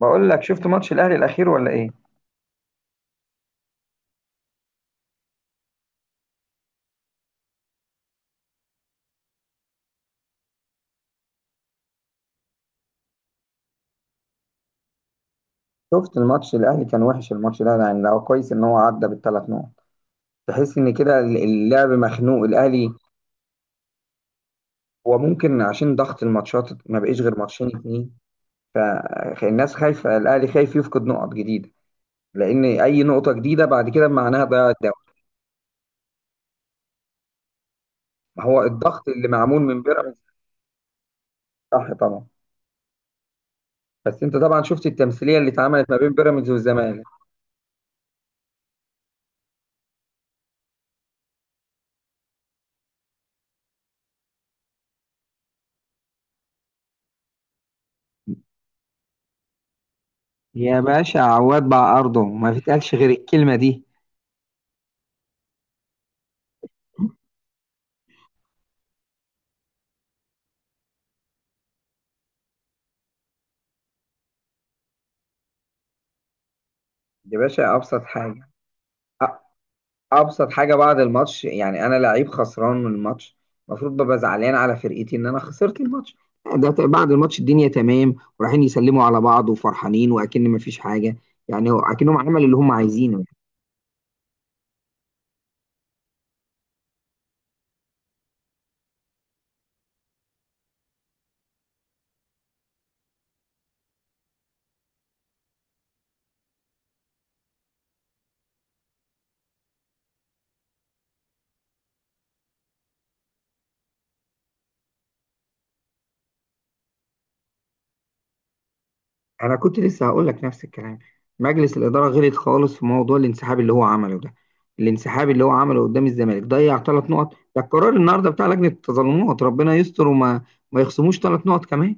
بقول لك شفت ماتش الاهلي الاخير ولا ايه؟ شفت الماتش الاهلي كان وحش الماتش ده، يعني لو كويس ان هو عدى بالثلاث نقط. تحس ان كده اللعب مخنوق الاهلي. هو ممكن عشان ضغط الماتشات ما بقيش غير ماتشين اتنين. فالناس خايفه، الاهلي خايف يفقد نقط جديده، لان اي نقطه جديده بعد كده معناها ضياع الدوري. ما هو الضغط اللي معمول من بيراميدز. صح طبعا. بس انت طبعا شفت التمثيليه اللي اتعملت ما بين بيراميدز والزمالك. يا باشا عواد بقى ارضه ما بيتقالش غير الكلمه دي. يا باشا ابسط حاجه. ابسط حاجه بعد الماتش، يعني انا لعيب خسران من الماتش، المفروض ببقى زعلان على فرقتي ان انا خسرت الماتش. بعد الماتش الدنيا تمام ورايحين يسلموا على بعض وفرحانين واكن مفيش حاجه. اكنهم عملوا اللي هم عايزينه. انا كنت لسه هقول لك نفس الكلام. مجلس الاداره غلط خالص في موضوع الانسحاب اللي هو عمله ده. الانسحاب اللي هو عمله قدام الزمالك ضيع ثلاث نقط. ده القرار النهارده بتاع لجنه التظلمات، ربنا يستر وما ما يخصموش ثلاث نقط كمان.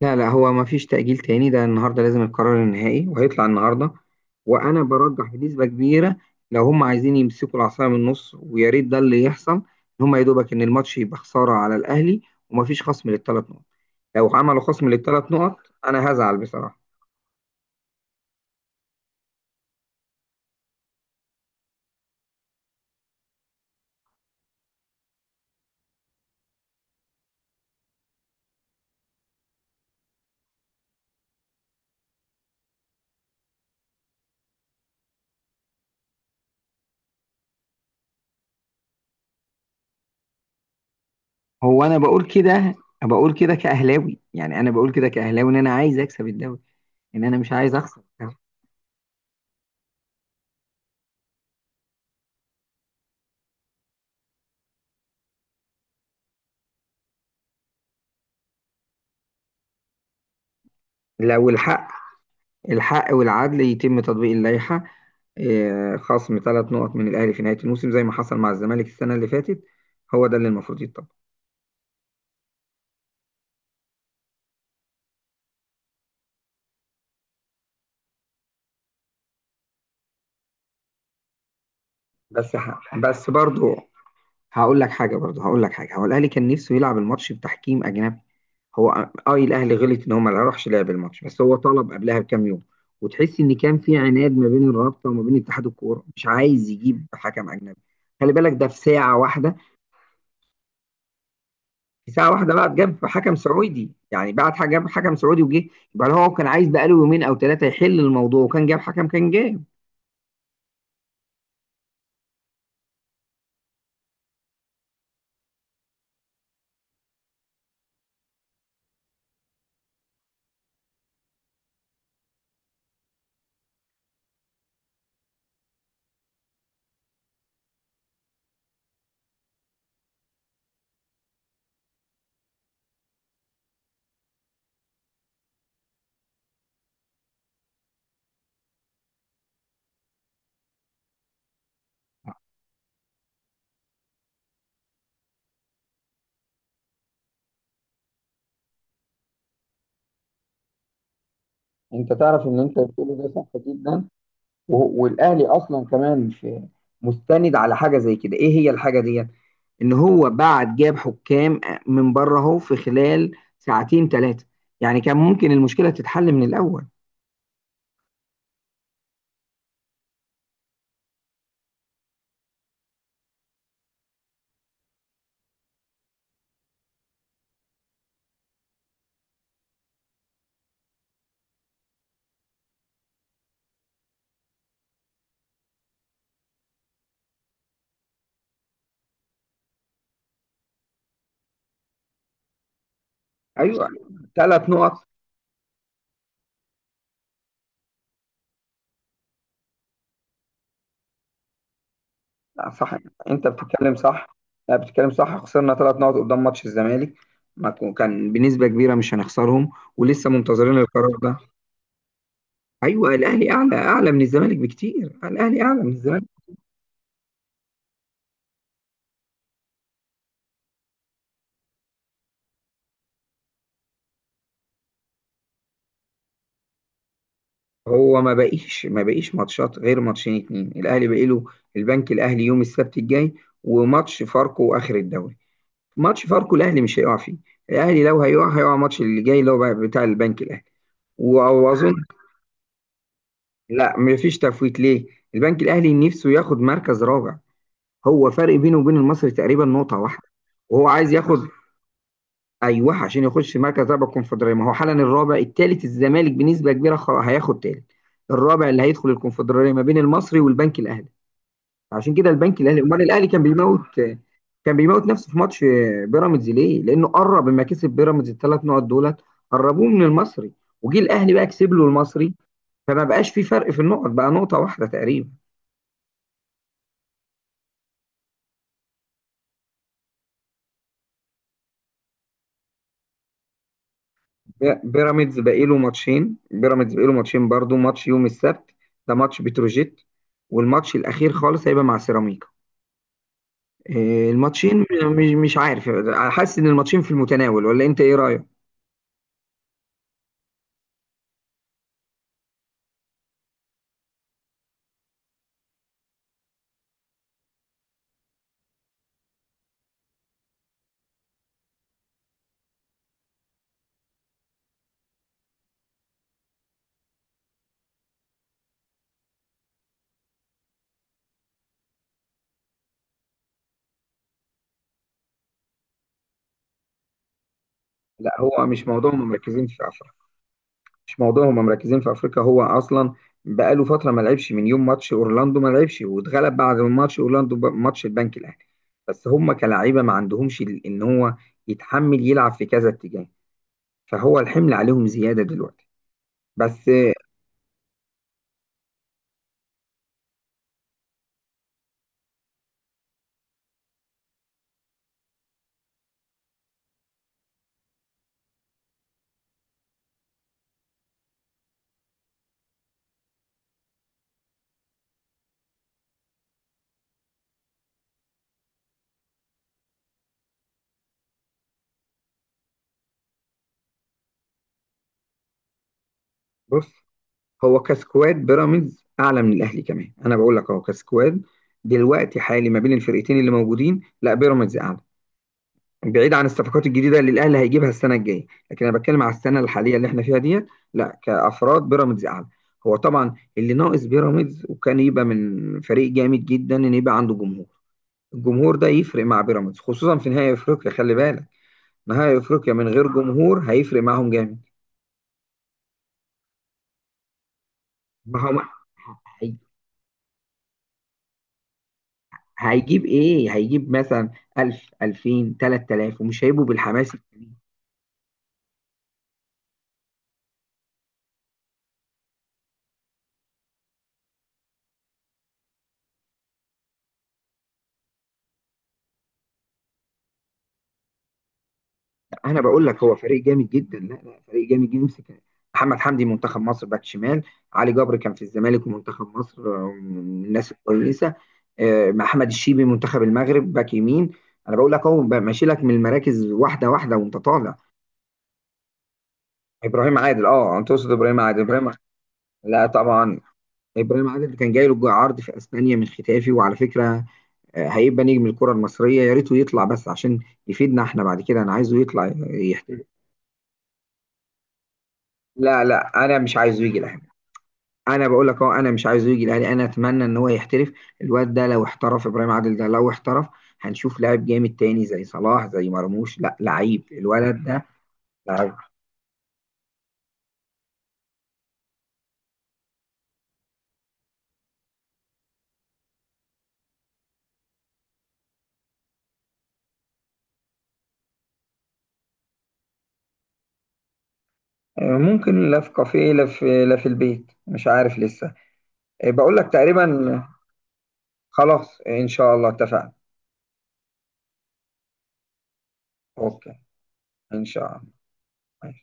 لا لا، هو ما فيش تأجيل تاني، ده النهارده لازم القرار النهائي وهيطلع النهارده. وانا برجح بنسبة كبيرة، لو هم عايزين يمسكوا العصاية من النص ويا ريت ده اللي يحصل، ان هم يا دوبك ان الماتش يبقى خسارة على الاهلي وما فيش خصم للثلاث نقط. لو عملوا خصم للثلاث نقط انا هزعل بصراحة. هو انا بقول كده، بقول كده كأهلاوي، يعني انا بقول كده كأهلاوي ان انا عايز اكسب الدوري، ان انا مش عايز اخسر. لو الحق الحق والعدل يتم تطبيق اللائحة. خصم ثلاث نقط من الأهلي في نهاية الموسم زي ما حصل مع الزمالك السنة اللي فاتت، هو ده اللي المفروض يتطبق. بس برضو هقول لك حاجة، هو الأهلي كان نفسه يلعب الماتش بتحكيم أجنبي. هو، اه الأهلي غلط إن هو ما راحش لعب الماتش، بس هو طلب قبلها بكام يوم. وتحس إن كان في عناد ما بين الرابطة وما بين اتحاد الكورة، مش عايز يجيب حكم أجنبي. خلي بالك ده في ساعة واحدة. في ساعة واحدة بقى جاب حكم سعودي، يعني بعد حاجة جاب حكم سعودي وجه. يبقى لو هو كان عايز بقاله يومين أو ثلاثة يحل الموضوع، وكان جاب حكم، كان جاب. أنت تعرف إن أنت بتقوله ده صح جدا. والأهلي أصلا كمان في مستند على حاجة زي كده، إيه هي الحاجة ديت؟ إن هو بعد جاب حكام من بره، أهو في خلال ساعتين ثلاثة، يعني كان ممكن المشكلة تتحل من الأول. أيوه، ثلاث نقط. صح، انت بتتكلم صح. لا بتتكلم صح، خسرنا ثلاث نقط قدام ماتش الزمالك. ما كو- كان بنسبة كبيرة مش هنخسرهم ولسه منتظرين القرار ده. ايوه الاهلي اعلى، اعلى من الزمالك بكتير، الاهلي اعلى من الزمالك. هو ما بقيش ماتشات غير ماتشين اتنين الاهلي بقي له. البنك الاهلي يوم السبت الجاي، وماتش فاركو اخر الدوري. ماتش فاركو الاهلي مش هيقع فيه. الاهلي لو هيقع، هيقع الماتش اللي جاي اللي هو بتاع البنك الاهلي واظن. لا مفيش تفويت ليه، البنك الاهلي نفسه ياخد مركز رابع. هو فرق بينه وبين المصري تقريبا نقطه واحده وهو عايز ياخد. ايوه، عشان يخش مركز رابع الكونفدراليه. ما هو حالا الرابع، الثالث الزمالك بنسبه كبيره هياخد ثالث، الرابع اللي هيدخل الكونفدراليه ما بين المصري والبنك الاهلي. عشان كده البنك الاهلي، امال الاهلي كان بيموت، كان بيموت نفسه في ماتش بيراميدز ليه؟ لانه قرب لما كسب بيراميدز الثلاث نقط دولت قربوه من المصري، وجي الاهلي بقى كسب له المصري، فما بقاش في فرق في النقط، بقى نقطه واحده تقريبا. بيراميدز بقاله ماتشين، برضو ماتش يوم السبت، ده ماتش بتروجيت، والماتش الاخير خالص هيبقى مع سيراميكا. إيه، الماتشين مش عارف، حاسس ان الماتشين في المتناول ولا انت ايه رايك؟ لا هو مش موضوع هم مركزين في افريقيا، مش موضوع هم مركزين في افريقيا، هو اصلا بقاله فتره ما لعبش من يوم ماتش اورلاندو، ما لعبش واتغلب بعد ماتش اورلاندو ماتش البنك الاهلي. بس هم كلاعيبه ما عندهمش ان هو يتحمل يلعب في كذا اتجاه، فهو الحمل عليهم زياده دلوقتي بس. بص، هو كسكواد بيراميدز اعلى من الاهلي كمان، انا بقول لك اهو كسكواد دلوقتي حالي ما بين الفرقتين اللي موجودين، لا بيراميدز اعلى، بعيد عن الصفقات الجديده اللي الاهلي هيجيبها السنه الجايه، لكن انا بتكلم على السنه الحاليه اللي احنا فيها ديت. لا كافراد بيراميدز اعلى. هو طبعا اللي ناقص بيراميدز وكان يبقى من فريق جامد جدا، ان يبقى عنده جمهور. الجمهور ده يفرق مع بيراميدز خصوصا في نهائي افريقيا، خلي بالك، نهائي افريقيا من غير جمهور هيفرق معاهم جامد. ما هو هيجيب ايه؟ هيجيب مثلا 1000 2000 3000 ومش هيبقوا بالحماس. انا بقول لك هو فريق جامد جدا. لا لا، فريق جامد جدا، يمسك محمد حمدي منتخب مصر باك شمال، علي جبر كان في الزمالك ومنتخب مصر، من الناس الكويسه. محمد الشيبي منتخب المغرب باك يمين. انا بقول لك اهو بقى ماشي لك من المراكز واحده واحده وانت طالع. ابراهيم عادل، انت تقصد ابراهيم عادل، ابراهيم؟ لا طبعا، ابراهيم عادل كان جاي له عرض في اسبانيا من ختافي، وعلى فكره هيبقى نجم الكرة المصرية، يا ريته يطلع بس عشان يفيدنا احنا بعد كده. انا عايزه يطلع يحترف. لا لا، انا مش عايزه يجي الاهلي. انا بقول لك اهو، انا مش عايزه يجي الاهلي، انا اتمنى ان هو يحترف. الواد ده لو احترف، ابراهيم عادل ده لو احترف، هنشوف لاعب جامد تاني زي صلاح زي مرموش. لا، لعيب الولد ده، لعيب. ممكن، لا في كافيه، لا في البيت، مش عارف لسه. بقول لك تقريبا. خلاص، ان شاء الله، اتفقنا. اوكي، ان شاء الله.